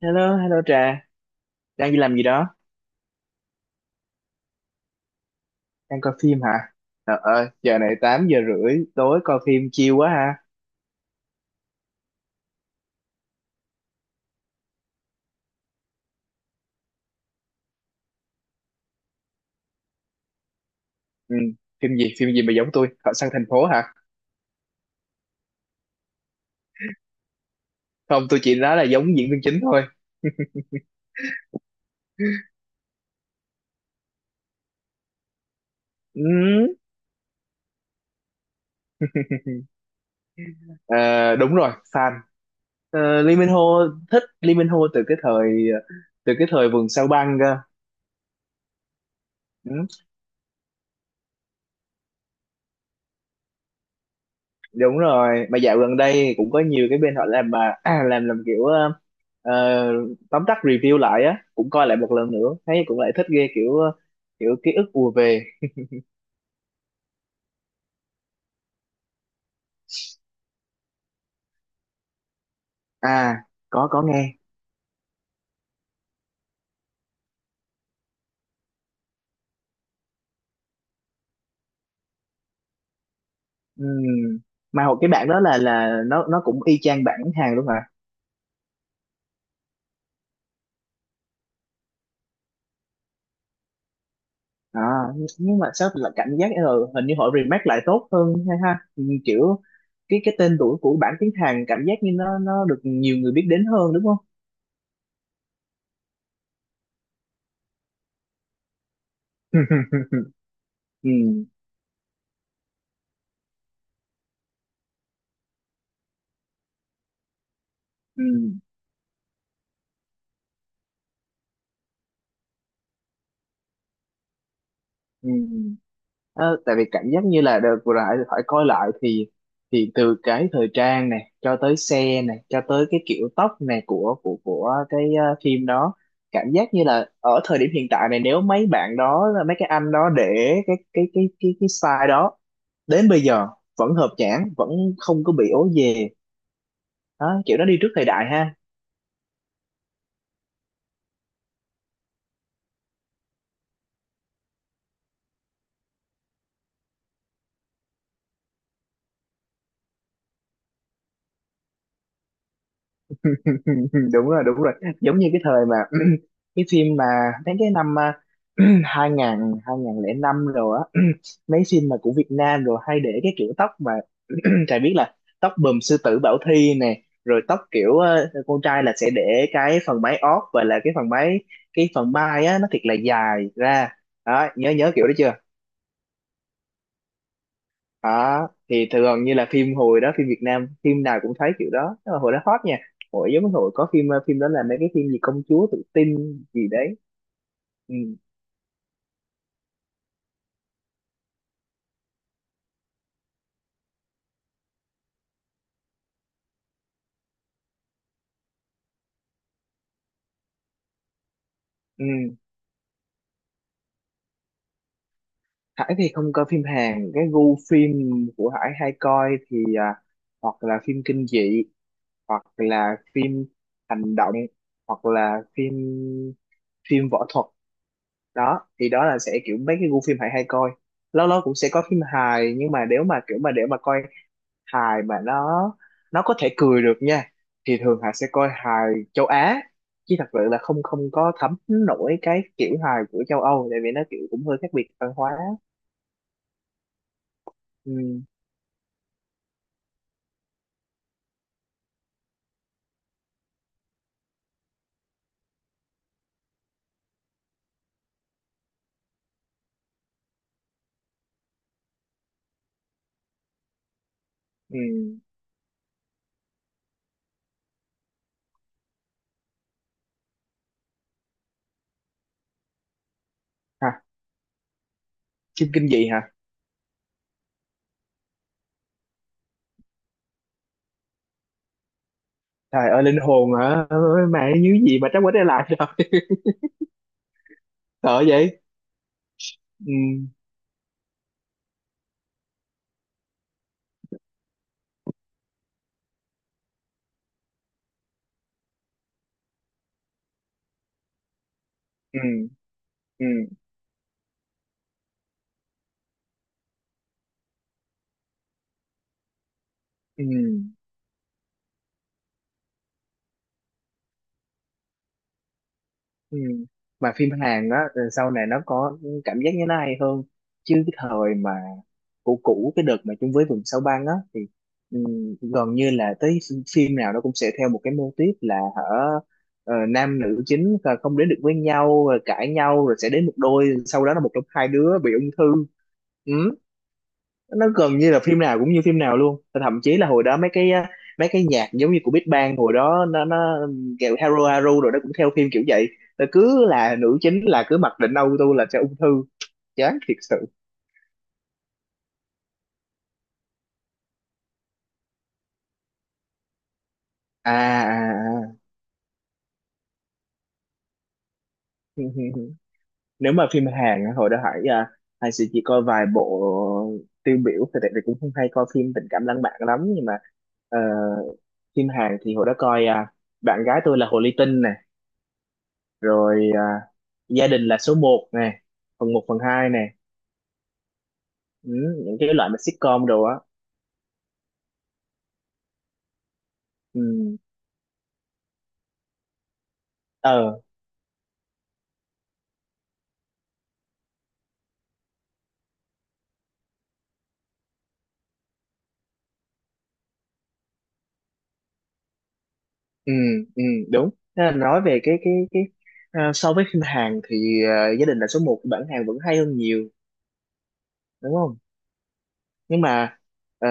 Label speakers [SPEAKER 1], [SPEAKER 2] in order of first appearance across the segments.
[SPEAKER 1] Hello, hello Trà, đang đi làm gì đó? Đang coi phim hả? Trời ơi, giờ này 8 giờ rưỡi tối coi phim chill quá ha. Ừ, phim gì mà giống tôi? Họ sang thành phố hả? Không, tôi chỉ nói là giống diễn viên chính thôi. Ừ. ờ, đúng rồi, fan. Ờ, Lee Min Ho, thích Lee Min Ho từ cái thời từ cái thời vườn sao băng cơ. Ừ. Đúng rồi, mà dạo gần đây cũng có nhiều cái bên họ làm mà làm kiểu ờ, tóm tắt review lại á, cũng coi lại một lần nữa thấy cũng lại thích ghê, kiểu kiểu ký ức ùa về. À, có nghe. Ừm, mà hồi cái bạn đó là nó cũng y chang bản hàng luôn hả? À, nhưng mà sao là cảm giác hình như họ remake lại tốt hơn hay ha? Kiểu cái tên tuổi của bản tiếng Hàn cảm giác như nó được nhiều người biết đến hơn, đúng không? Ừm, ừm, ừm. Ờ, tại vì cảm giác như là đợt vừa lại phải coi lại thì từ cái thời trang này, cho tới xe này, cho tới cái kiểu tóc này của cái phim đó, cảm giác như là ở thời điểm hiện tại này, nếu mấy bạn đó, mấy cái anh đó để cái style đó đến bây giờ vẫn hợp nhãn, vẫn không có bị ố về. Đó, kiểu nó đi trước thời đại ha. Đúng rồi, đúng rồi, giống như cái thời mà cái phim mà mấy cái năm 2005 rồi á, mấy phim mà của Việt Nam rồi hay để cái kiểu tóc mà Trà biết là tóc bùm sư tử Bảo Thy nè, rồi tóc kiểu con trai là sẽ để cái phần mái ót, và là cái phần mái, cái phần mai á, nó thiệt là dài ra. Đó, nhớ nhớ kiểu đó chưa? Đó thì thường như là phim hồi đó, phim Việt Nam phim nào cũng thấy kiểu đó, nhưng mà hồi đó hot nha. Hồi giống như hồi có phim phim đó là mấy cái phim gì công chúa tự tin gì đấy. Ừ. Ừ. Hải thì không coi phim Hàn. Cái gu phim của Hải hay coi thì hoặc là phim kinh dị, hoặc là phim hành động, hoặc là phim phim võ thuật. Đó thì đó là sẽ kiểu mấy cái gu phim Hải hay coi. Lâu lâu cũng sẽ có phim hài, nhưng mà nếu mà kiểu mà để mà coi hài mà nó có thể cười được nha, thì thường Hà sẽ coi hài châu Á, chứ thật sự là không không có thấm nổi cái kiểu hài của châu Âu, tại vì nó kiểu cũng hơi khác biệt văn hóa. Ừ, ừ. Hả? Phim kinh dị hả? Trời ơi, linh hồn hả? Ôi, mẹ như gì mà trắng quá đây lại rồi. Sợ vậy. Ừ, ừ, ừ, ừ, ừ. Mà phim Hàn á, sau này nó có cảm giác như nó hay hơn, chứ cái thời mà cũ cũ, cái đợt mà chung với vườn sao băng á, thì gần như là tới phim nào nó cũng sẽ theo một cái mô típ là, hở, nam nữ chính là không đến được với nhau, rồi cãi nhau, rồi sẽ đến một đôi, sau đó là một trong hai đứa bị ung thư. Ừ, nó gần như là phim nào cũng như phim nào luôn. Và thậm chí là hồi đó mấy cái mấy cái nhạc giống như của Big Bang hồi đó nó kiểu Haru Haru, rồi nó cũng theo phim kiểu vậy. Nó cứ là nữ chính là cứ mặc định auto là sẽ ung thư, chán thiệt sự. À, à, à. Nếu mà phim Hàn á, hồi đó Hải Hải sẽ chỉ coi vài bộ tiêu biểu thì, tại vì cũng không hay coi phim tình cảm lãng mạn lắm, nhưng mà ờ, phim Hàn thì hồi đó coi bạn gái tôi là Hồ Ly Tinh này, rồi gia đình là số một này, phần một phần 2 này. Ừ, những cái loại mà sitcom đồ á. Ừ. Ờ. Ừ, ừ, đúng. Thế là nói về cái so với phim Hàn thì gia đình là số một bản Hàn vẫn hay hơn nhiều, đúng không? Nhưng mà ờ,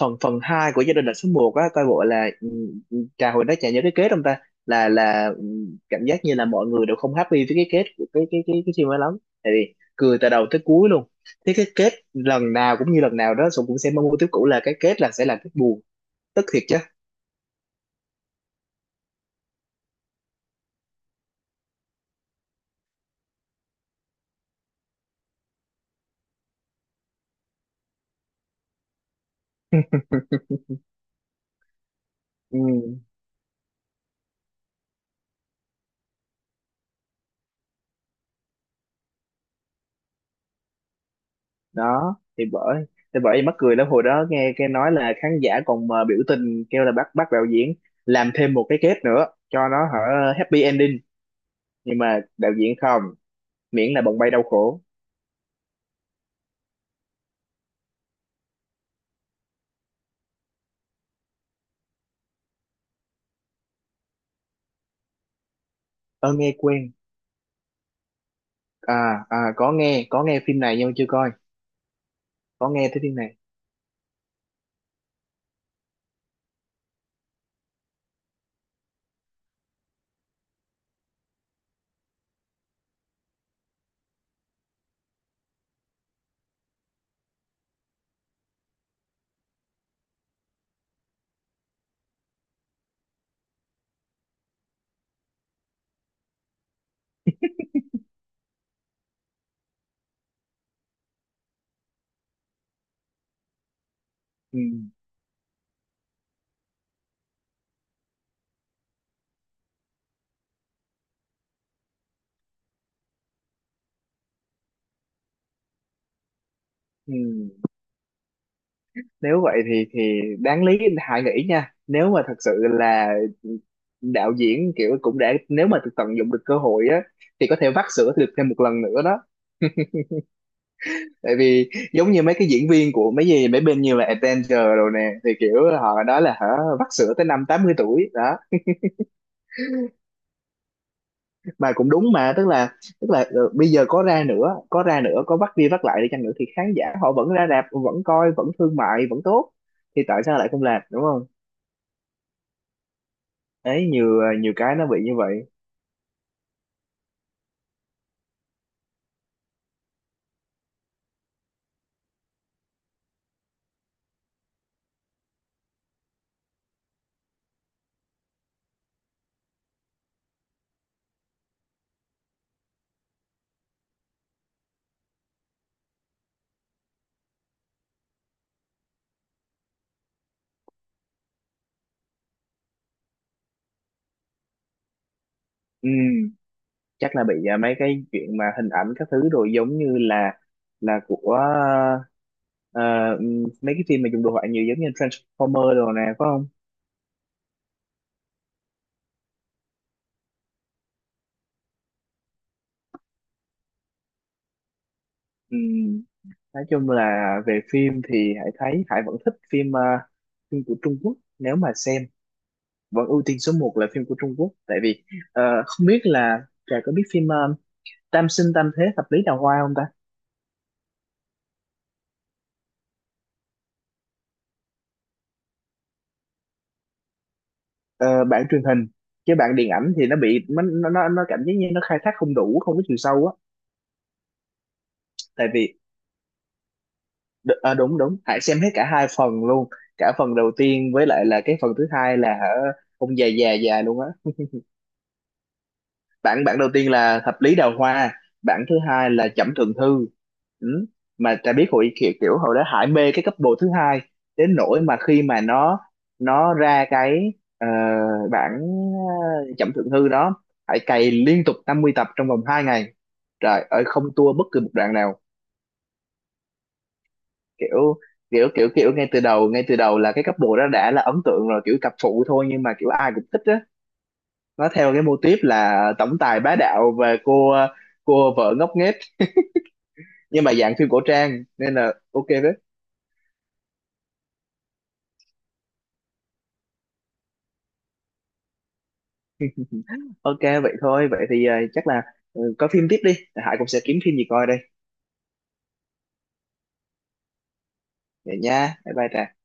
[SPEAKER 1] phần phần hai của gia đình là số 1 á, coi bộ là ừ, ừ, trà hồi đó trà nhớ cái kết không ta? Là cảm giác như là mọi người đều không happy với cái kết của cái phim ấy lắm, tại vì cười từ đầu tới cuối luôn. Thế cái kết lần nào cũng như lần nào, đó Sùng cũng sẽ mong muốn tiếp, cũ là cái kết là sẽ là kết buồn, tức thiệt chứ. Ừ, đó thì bởi, mắc cười lắm, hồi đó nghe cái nói là khán giả còn mà biểu tình kêu là bắt bắt đạo diễn làm thêm một cái kết nữa cho nó, hả, happy ending, nhưng mà đạo diễn không, miễn là bồng bay đau khổ. Ơ, nghe quen. À, à, có nghe, phim này nhưng mà chưa coi, có nghe tới phim này. Ừ, ừ. Nếu vậy thì đáng lý hãy nghĩ nha, nếu mà thật sự là đạo diễn kiểu cũng đã, nếu mà tận dụng được cơ hội á, thì có thể vắt sữa được thêm một lần nữa đó. Tại vì giống như mấy cái diễn viên của mấy gì mấy bên như là Avenger rồi nè, thì kiểu họ nói là hả, vắt sữa tới năm 80 tuổi đó. Mà cũng đúng, mà tức là bây giờ có ra nữa, có bắt đi bắt lại đi chăng nữa thì khán giả họ vẫn ra rạp, vẫn coi, vẫn thương mại vẫn tốt, thì tại sao lại không làm, đúng không? Đấy, nhiều nhiều cái nó bị như vậy. Ừ, chắc là bị mấy cái chuyện mà hình ảnh các thứ rồi, giống như là của ờ, mấy cái phim mà dùng đồ họa nhiều, giống như Transformer đồ nè, phải không? Ừ, nói chung là về phim thì Hải thấy Hải vẫn thích phim phim của Trung Quốc, nếu mà xem vẫn ưu tiên số một là phim của Trung Quốc. Tại vì không biết là Trà có biết phim Tam Sinh Tam Thế Thập Lý Đào Hoa không ta? Ờ, bản truyền hình, chứ bản điện ảnh thì nó bị nó cảm giác như nó khai thác không đủ, không có chiều sâu á. Tại vì đúng, đúng, Hải xem hết cả hai phần luôn, cả phần đầu tiên với lại là cái phần thứ hai là, hả, ông già già già luôn á. Bản bản đầu tiên là Thập Lý Đào Hoa, bản thứ hai là Trẩm Thượng Thư. Ừ. Mà ta biết hội kiểu, kiểu hồi đó Hải mê cái couple thứ hai, đến nỗi mà khi mà nó ra cái ờ, bản Trẩm Thượng Thư đó, Hải cày liên tục 50 tập trong vòng 2 ngày, trời ơi, không tua bất cứ một đoạn nào. Kiểu, kiểu ngay từ đầu, là cái couple đó đã là ấn tượng rồi, kiểu cặp phụ thôi nhưng mà kiểu ai cũng thích á. Nó theo cái mô típ là tổng tài bá đạo và cô vợ ngốc nghếch. Nhưng mà dạng phim cổ trang nên là ok đấy. Ok, vậy thôi, vậy thì chắc là ừ, coi phim tiếp đi, Hải cũng sẽ kiếm phim gì coi đây. Vậy nha, bye bye Trang.